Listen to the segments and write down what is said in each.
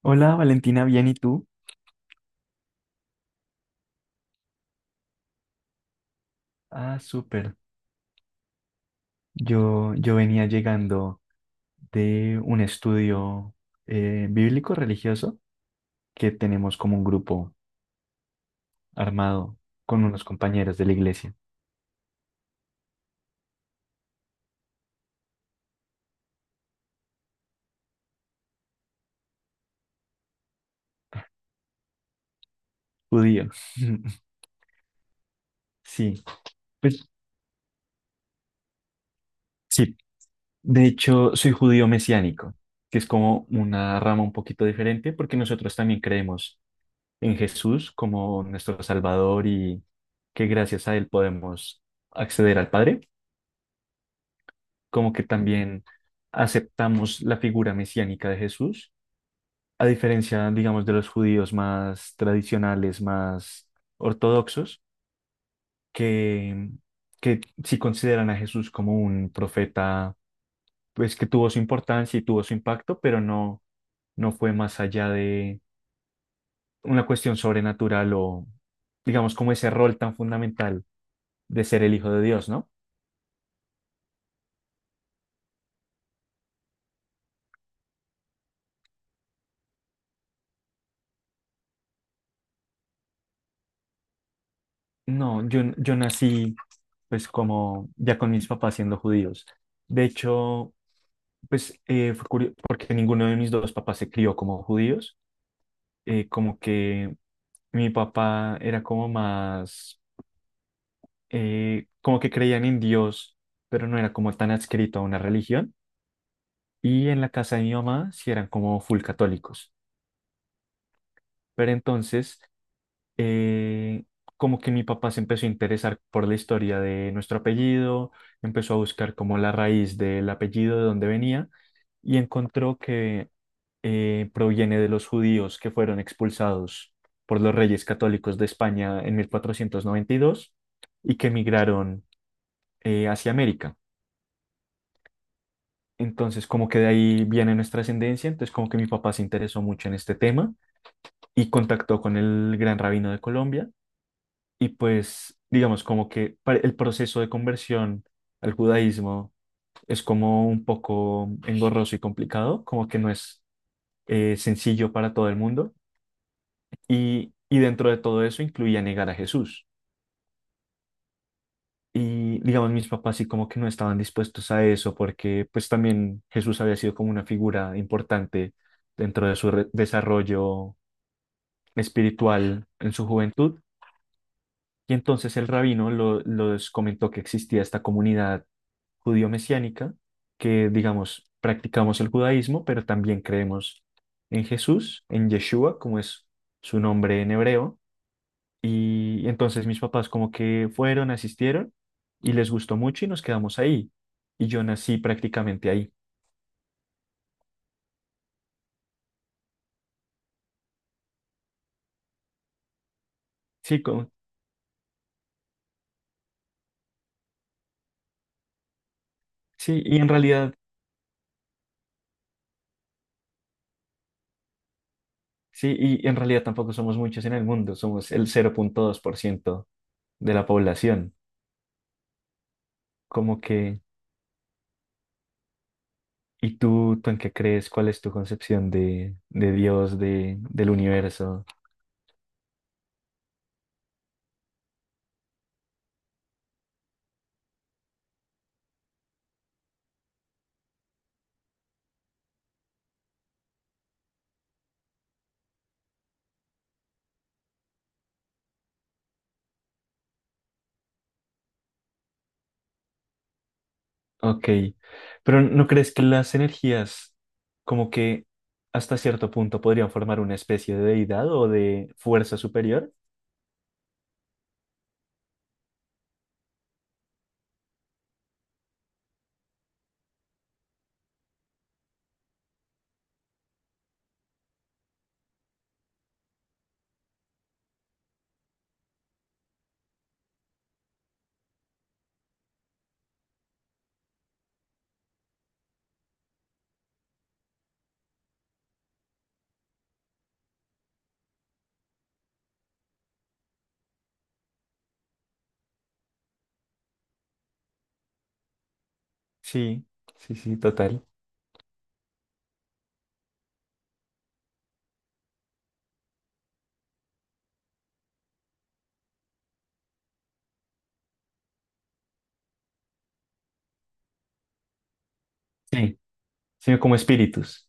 Hola Valentina, bien, ¿y tú? Ah, súper. Yo venía llegando de un estudio bíblico religioso que tenemos como un grupo armado con unos compañeros de la iglesia, judío. Sí, pues sí. De hecho, soy judío mesiánico, que es como una rama un poquito diferente porque nosotros también creemos en Jesús como nuestro Salvador y que gracias a él podemos acceder al Padre. Como que también aceptamos la figura mesiánica de Jesús, a diferencia, digamos, de los judíos más tradicionales, más ortodoxos, que, que sí consideran a Jesús como un profeta, pues que tuvo su importancia y tuvo su impacto, pero no fue más allá de una cuestión sobrenatural o, digamos, como ese rol tan fundamental de ser el Hijo de Dios, ¿no? No, yo nací pues como ya con mis papás siendo judíos. De hecho, pues fue curioso porque ninguno de mis dos papás se crió como judíos. Como que mi papá era como más, como que creían en Dios, pero no era como tan adscrito a una religión. Y en la casa de mi mamá sí eran como full católicos. Pero entonces eh, como que mi papá se empezó a interesar por la historia de nuestro apellido, empezó a buscar como la raíz del apellido de dónde venía y encontró que proviene de los judíos que fueron expulsados por los reyes católicos de España en 1492 y dos y que emigraron hacia América. Entonces, como que de ahí viene nuestra ascendencia, entonces como que mi papá se interesó mucho en este tema y contactó con el gran rabino de Colombia. Y pues, digamos, como que el proceso de conversión al judaísmo es como un poco engorroso y complicado, como que no es sencillo para todo el mundo. Y dentro de todo eso incluía negar a Jesús. Y digamos, mis papás sí como que no estaban dispuestos a eso porque pues también Jesús había sido como una figura importante dentro de su desarrollo espiritual en su juventud. Y entonces el rabino los comentó que existía esta comunidad judío-mesiánica, que digamos, practicamos el judaísmo, pero también creemos en Jesús, en Yeshua, como es su nombre en hebreo. Y entonces mis papás como que fueron, asistieron y les gustó mucho y nos quedamos ahí. Y yo nací prácticamente ahí. Sí, sí, y en realidad, sí, y en realidad tampoco somos muchos en el mundo, somos el cero punto dos por ciento de la población. Como que ¿Y tú en qué crees? ¿Cuál es tu concepción de Dios, del universo? Ok, pero ¿no crees que las energías como que hasta cierto punto podrían formar una especie de deidad o de fuerza superior? Sí, sí, sí, total. Sí, sí, como espíritus.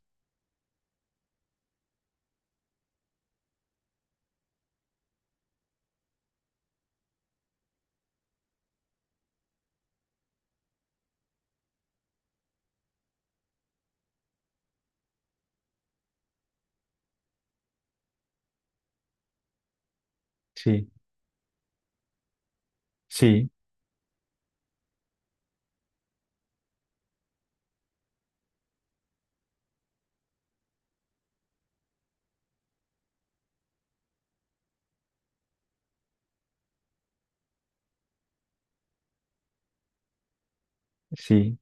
Sí, sí, sí.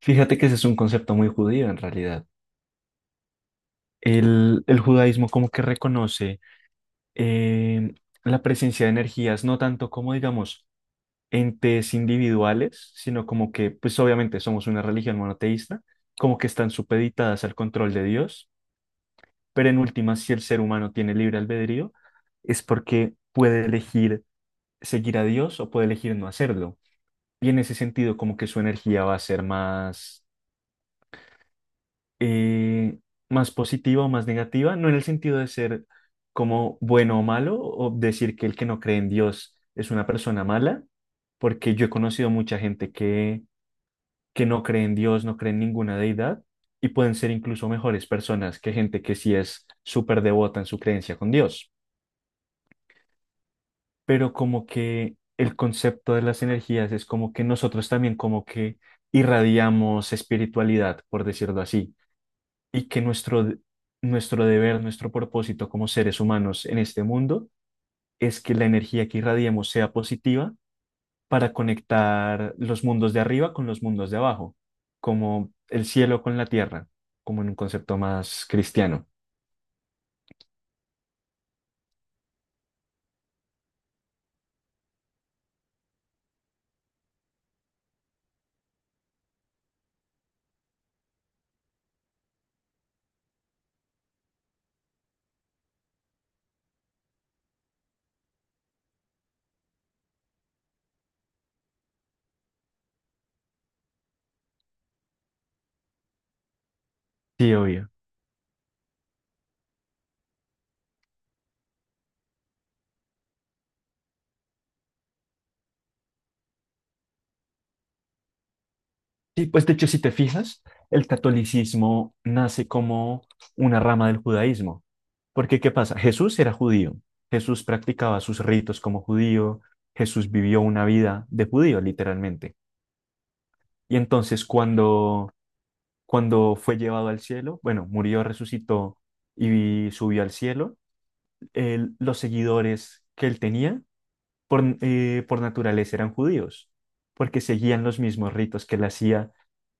Fíjate que ese es un concepto muy judío en realidad. El judaísmo como que reconoce em, la presencia de energías, no tanto como digamos entes individuales, sino como que, pues obviamente somos una religión monoteísta, como que están supeditadas al control de Dios, pero en última, si el ser humano tiene libre albedrío, es porque puede elegir seguir a Dios o puede elegir no hacerlo. Y en ese sentido, como que su energía va a ser eh, más positiva o más negativa, no en el sentido de ser como bueno o malo, o decir que el que no cree en Dios es una persona mala, porque yo he conocido mucha gente que no creen en Dios, no creen en ninguna deidad y pueden ser incluso mejores personas que gente que sí es súper devota en su creencia con Dios. Pero como que el concepto de las energías es como que nosotros también como que irradiamos espiritualidad, por decirlo así, y que nuestro deber, nuestro propósito como seres humanos en este mundo es que la energía que irradiemos sea positiva para conectar los mundos de arriba con los mundos de abajo, como el cielo con la tierra, como en un concepto más cristiano. Sí, obvio. Sí, pues de hecho, si te fijas, el catolicismo nace como una rama del judaísmo. Porque, ¿qué pasa? Jesús era judío. Jesús practicaba sus ritos como judío. Jesús vivió una vida de judío, literalmente. Y entonces, cuando fue llevado al cielo, bueno, murió, resucitó y subió al cielo, los seguidores que él tenía por naturaleza eran judíos, porque seguían los mismos ritos que él hacía,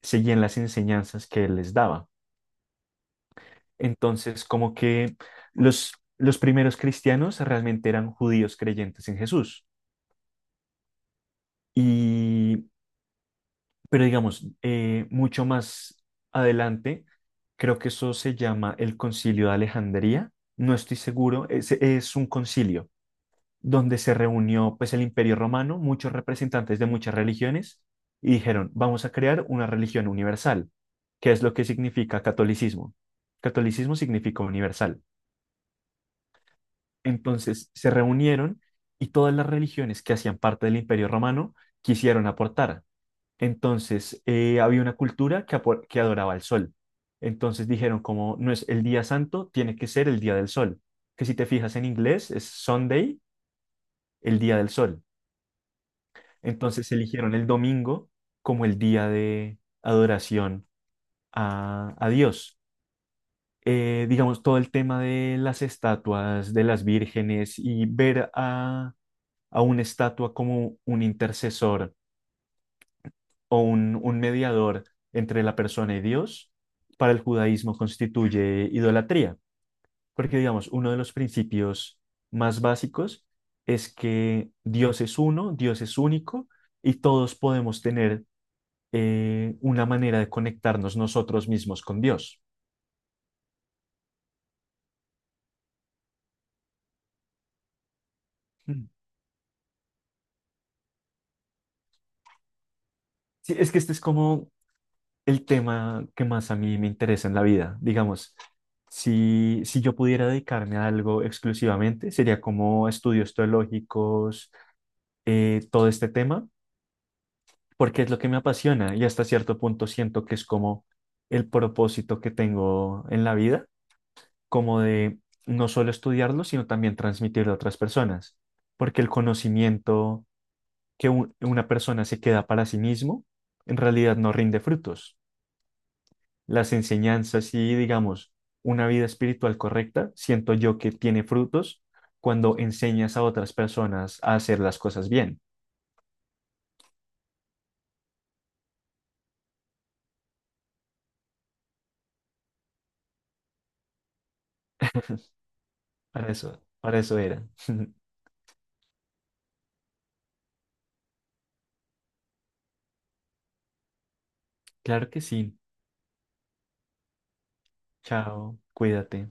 seguían las enseñanzas que él les daba. Entonces, como que los, los primeros cristianos realmente eran judíos creyentes en Jesús. Y, pero digamos, mucho más adelante, creo que eso se llama el Concilio de Alejandría. No estoy seguro, es un concilio donde se reunió pues el Imperio Romano, muchos representantes de muchas religiones, y dijeron, vamos a crear una religión universal. ¿Qué es lo que significa catolicismo? Catolicismo significa universal. Entonces se reunieron y todas las religiones que hacían parte del Imperio Romano quisieron aportar. Entonces había una cultura que, que adoraba el sol. Entonces dijeron como no es el día santo, tiene que ser el día del sol. Que si te fijas en inglés es Sunday, el día del sol. Entonces eligieron el domingo como el día de adoración a Dios. Digamos, todo el tema de las estatuas, de las vírgenes y ver a una estatua como un intercesor o un mediador entre la persona y Dios, para el judaísmo constituye idolatría, porque digamos, uno de los principios más básicos es que Dios es uno, Dios es único y todos podemos tener una manera de conectarnos nosotros mismos con Dios. Mm. Sí, es que este es como el tema que más a mí me interesa en la vida. Digamos, si yo pudiera dedicarme a algo exclusivamente, sería como estudios teológicos, todo este tema, porque es lo que me apasiona y hasta cierto punto siento que es como el propósito que tengo en la vida, como de no solo estudiarlo, sino también transmitirlo a otras personas, porque el conocimiento que una persona se queda para sí mismo, en realidad no rinde frutos. Las enseñanzas y, digamos, una vida espiritual correcta, siento yo que tiene frutos cuando enseñas a otras personas a hacer las cosas bien. Para eso era. Claro que sí. Chao, cuídate.